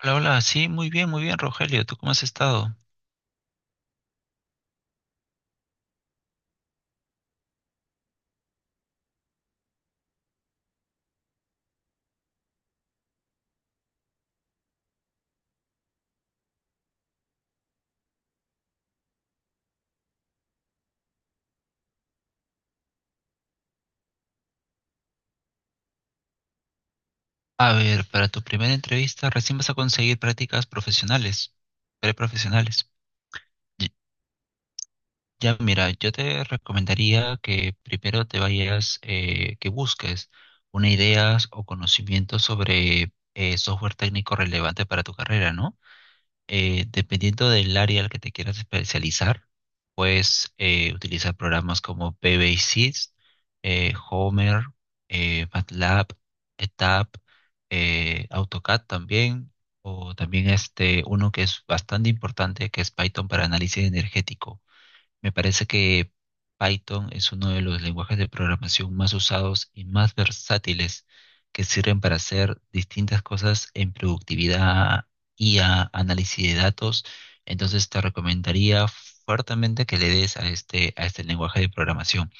Hola, hola, sí, muy bien, Rogelio, ¿tú cómo has estado? A ver, para tu primera entrevista recién vas a conseguir prácticas profesionales, preprofesionales. Y- Ya, mira, yo te recomendaría que primero te vayas, que busques una idea o conocimiento sobre software técnico relevante para tu carrera, ¿no? Dependiendo del área al que te quieras especializar, puedes utilizar programas como PBSys, Homer, MATLAB, ETAP, AutoCAD también, o también este uno que es bastante importante que es Python para análisis energético. Me parece que Python es uno de los lenguajes de programación más usados y más versátiles que sirven para hacer distintas cosas en productividad, IA, análisis de datos. Entonces te recomendaría fuertemente que le des a este lenguaje de programación,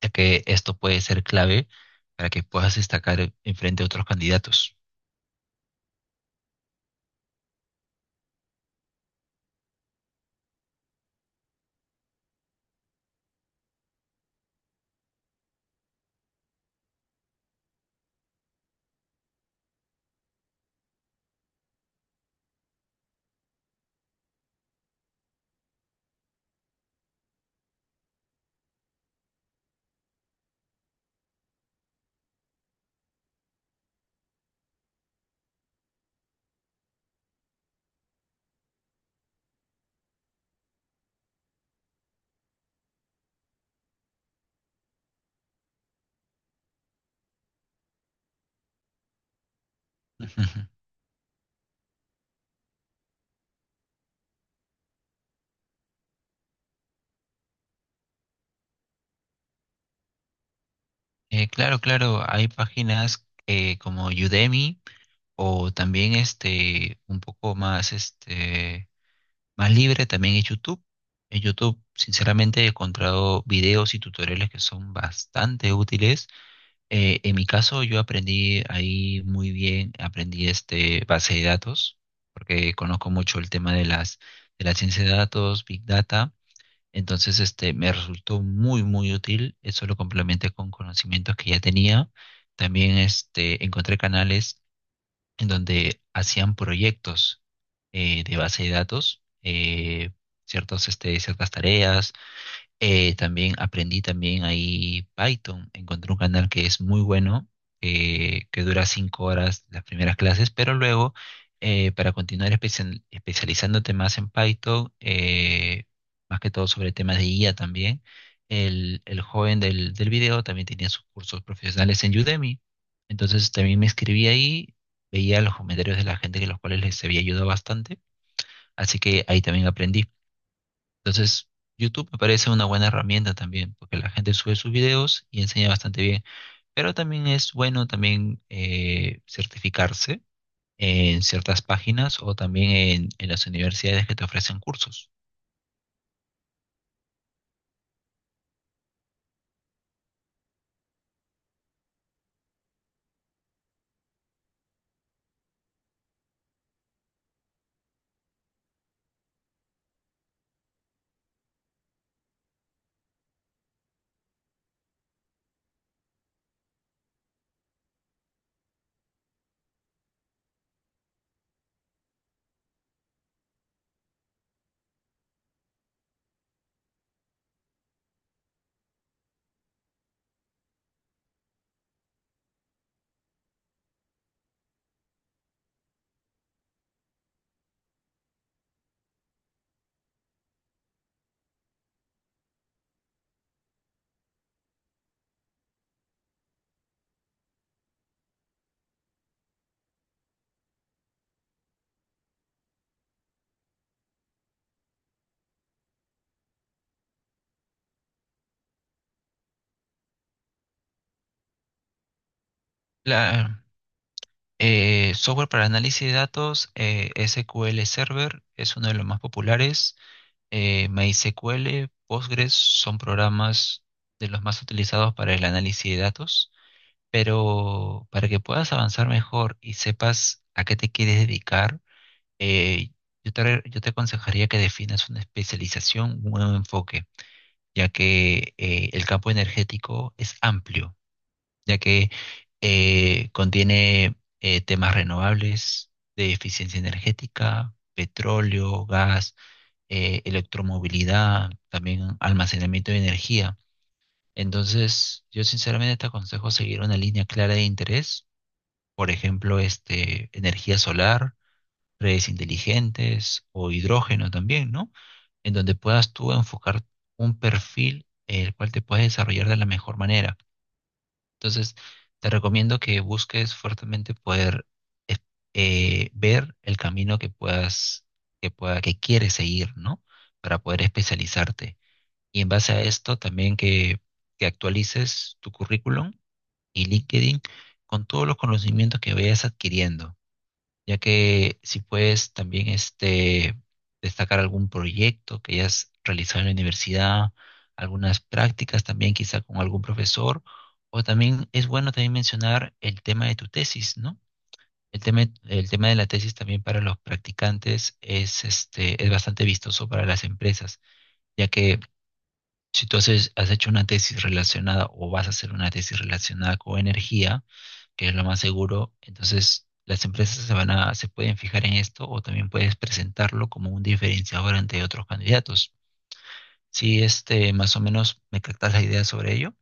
ya que esto puede ser clave para que puedas destacar enfrente a otros candidatos. Claro, claro, hay páginas como Udemy o también este un poco más este más libre también es YouTube. En YouTube, sinceramente, he encontrado videos y tutoriales que son bastante útiles. En mi caso, yo aprendí ahí muy bien, aprendí este base de datos, porque conozco mucho el tema de las de la ciencia de datos, Big Data. Entonces, este me resultó muy, muy útil. Eso lo complementé con conocimientos que ya tenía. También este encontré canales en donde hacían proyectos de base de datos, ciertas tareas también aprendí también ahí Python. Encontré un canal que es muy bueno, que dura 5 horas las primeras clases, pero luego para continuar especializándote más en Python, más que todo sobre temas de IA también, el joven del video también tenía sus cursos profesionales en Udemy. Entonces también me inscribí ahí, veía los comentarios de la gente que los cuales les había ayudado bastante, así que ahí también aprendí. Entonces, YouTube me parece una buena herramienta también, porque la gente sube sus videos y enseña bastante bien. Pero también es bueno también certificarse en ciertas páginas o también en las universidades que te ofrecen cursos. La, software para análisis de datos, SQL Server, es uno de los más populares. MySQL, Postgres son programas de los más utilizados para el análisis de datos. Pero para que puedas avanzar mejor y sepas a qué te quieres dedicar, eh, yo te aconsejaría que definas una especialización, un nuevo enfoque, ya que el campo energético es amplio, ya que contiene temas renovables de eficiencia energética, petróleo, gas, electromovilidad, también almacenamiento de energía. Entonces, yo sinceramente te aconsejo seguir una línea clara de interés, por ejemplo, este, energía solar, redes inteligentes o hidrógeno también, ¿no? En donde puedas tú enfocar un perfil el cual te puedes desarrollar de la mejor manera. Entonces, te recomiendo que busques fuertemente poder eh, ver el camino que puedas, que pueda, que quieres seguir, ¿no? Para poder especializarte. Y en base a esto también que actualices tu currículum y LinkedIn con todos los conocimientos que vayas adquiriendo, ya que si puedes también este, destacar algún proyecto que hayas realizado en la universidad, algunas prácticas también quizá con algún profesor, o también es bueno también mencionar el tema de tu tesis, ¿no? El tema de la tesis también para los practicantes es, este, es bastante vistoso para las empresas, ya que si tú has hecho una tesis relacionada o vas a hacer una tesis relacionada con energía, que es lo más seguro, entonces las empresas se van a, se pueden fijar en esto, o también puedes presentarlo como un diferenciador ante otros candidatos. Si este, más o menos me captas la idea sobre ello.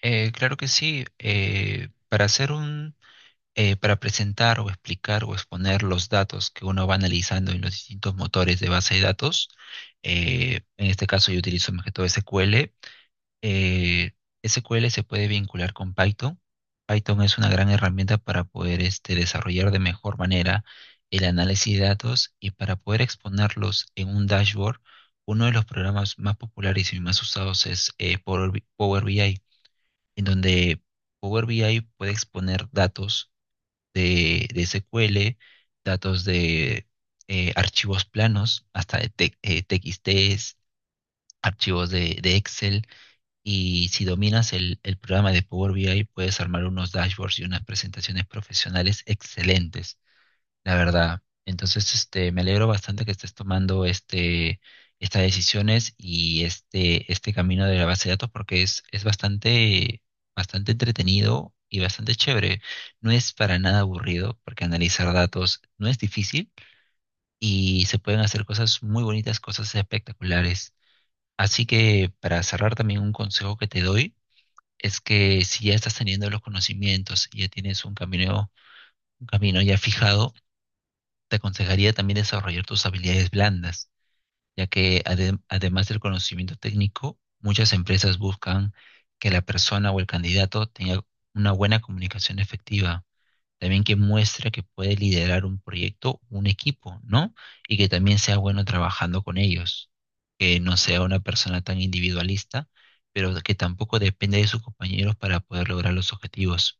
Claro que sí. Para presentar o explicar o exponer los datos que uno va analizando en los distintos motores de base de datos, en este caso yo utilizo más que todo SQL. Eh, SQL se puede vincular con Python. Python es una gran herramienta para poder este, desarrollar de mejor manera el análisis de datos y para poder exponerlos en un dashboard. Uno de los programas más populares y más usados es Power BI, en donde Power BI puede exponer datos de SQL, datos de archivos planos, hasta de TXTs, archivos de Excel, y si dominas el programa de Power BI, puedes armar unos dashboards y unas presentaciones profesionales excelentes, la verdad. Entonces, este, me alegro bastante que estés tomando este, estas decisiones y este camino de la base de datos, porque es bastante, bastante entretenido y bastante chévere. No es para nada aburrido, porque analizar datos no es difícil y se pueden hacer cosas muy bonitas, cosas espectaculares. Así que, para cerrar, también un consejo que te doy es que si ya estás teniendo los conocimientos y ya tienes un camino ya fijado, te aconsejaría también desarrollar tus habilidades blandas, ya que además del conocimiento técnico, muchas empresas buscan que la persona o el candidato tenga una buena comunicación efectiva, también que muestre que puede liderar un proyecto, un equipo, ¿no? Y que también sea bueno trabajando con ellos, que no sea una persona tan individualista, pero que tampoco depende de sus compañeros para poder lograr los objetivos.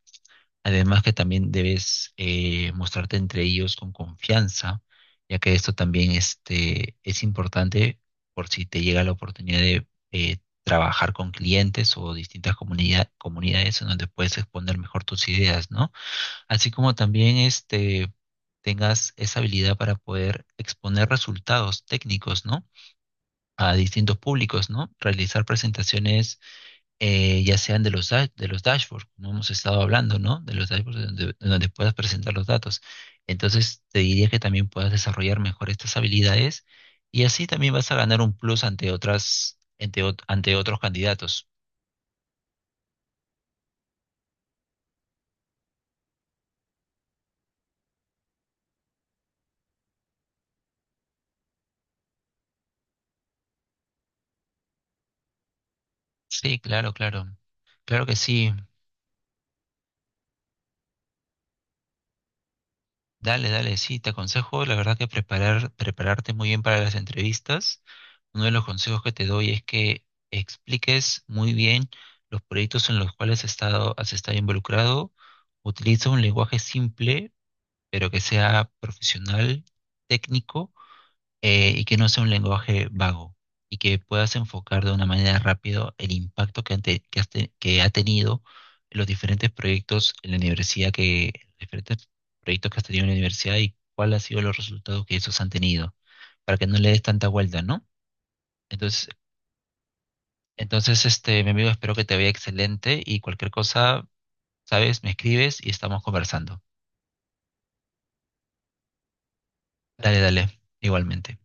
Además que también debes mostrarte entre ellos con confianza, ya que esto también este, es importante por si te llega la oportunidad de trabajar con clientes o distintas comunidades, en donde puedes exponer mejor tus ideas, ¿no? Así como también este, tengas esa habilidad para poder exponer resultados técnicos, ¿no? A distintos públicos, ¿no? Realizar presentaciones, ya sean de los dashboards, como hemos estado hablando, ¿no? De los dashboards donde, donde puedas presentar los datos. Entonces, te diría que también puedas desarrollar mejor estas habilidades, y así también vas a ganar un plus ante otras, ante otros candidatos. Sí, claro, claro. Claro que sí. Dale, dale, sí, te aconsejo, la verdad, que prepararte muy bien para las entrevistas. Uno de los consejos que te doy es que expliques muy bien los proyectos en los cuales has estado involucrado. Utiliza un lenguaje simple, pero que sea profesional, técnico, y que no sea un lenguaje vago, y que puedas enfocar de una manera rápido el impacto que, han que, has te- que ha tenido los diferentes proyectos en la universidad, que diferentes proyectos que has tenido en la universidad, y cuál ha sido los resultados que esos han tenido, para que no le des tanta vuelta, ¿no? Entonces, entonces, este, mi amigo, espero que te vaya excelente, y cualquier cosa, sabes, me escribes y estamos conversando. Dale, dale, igualmente.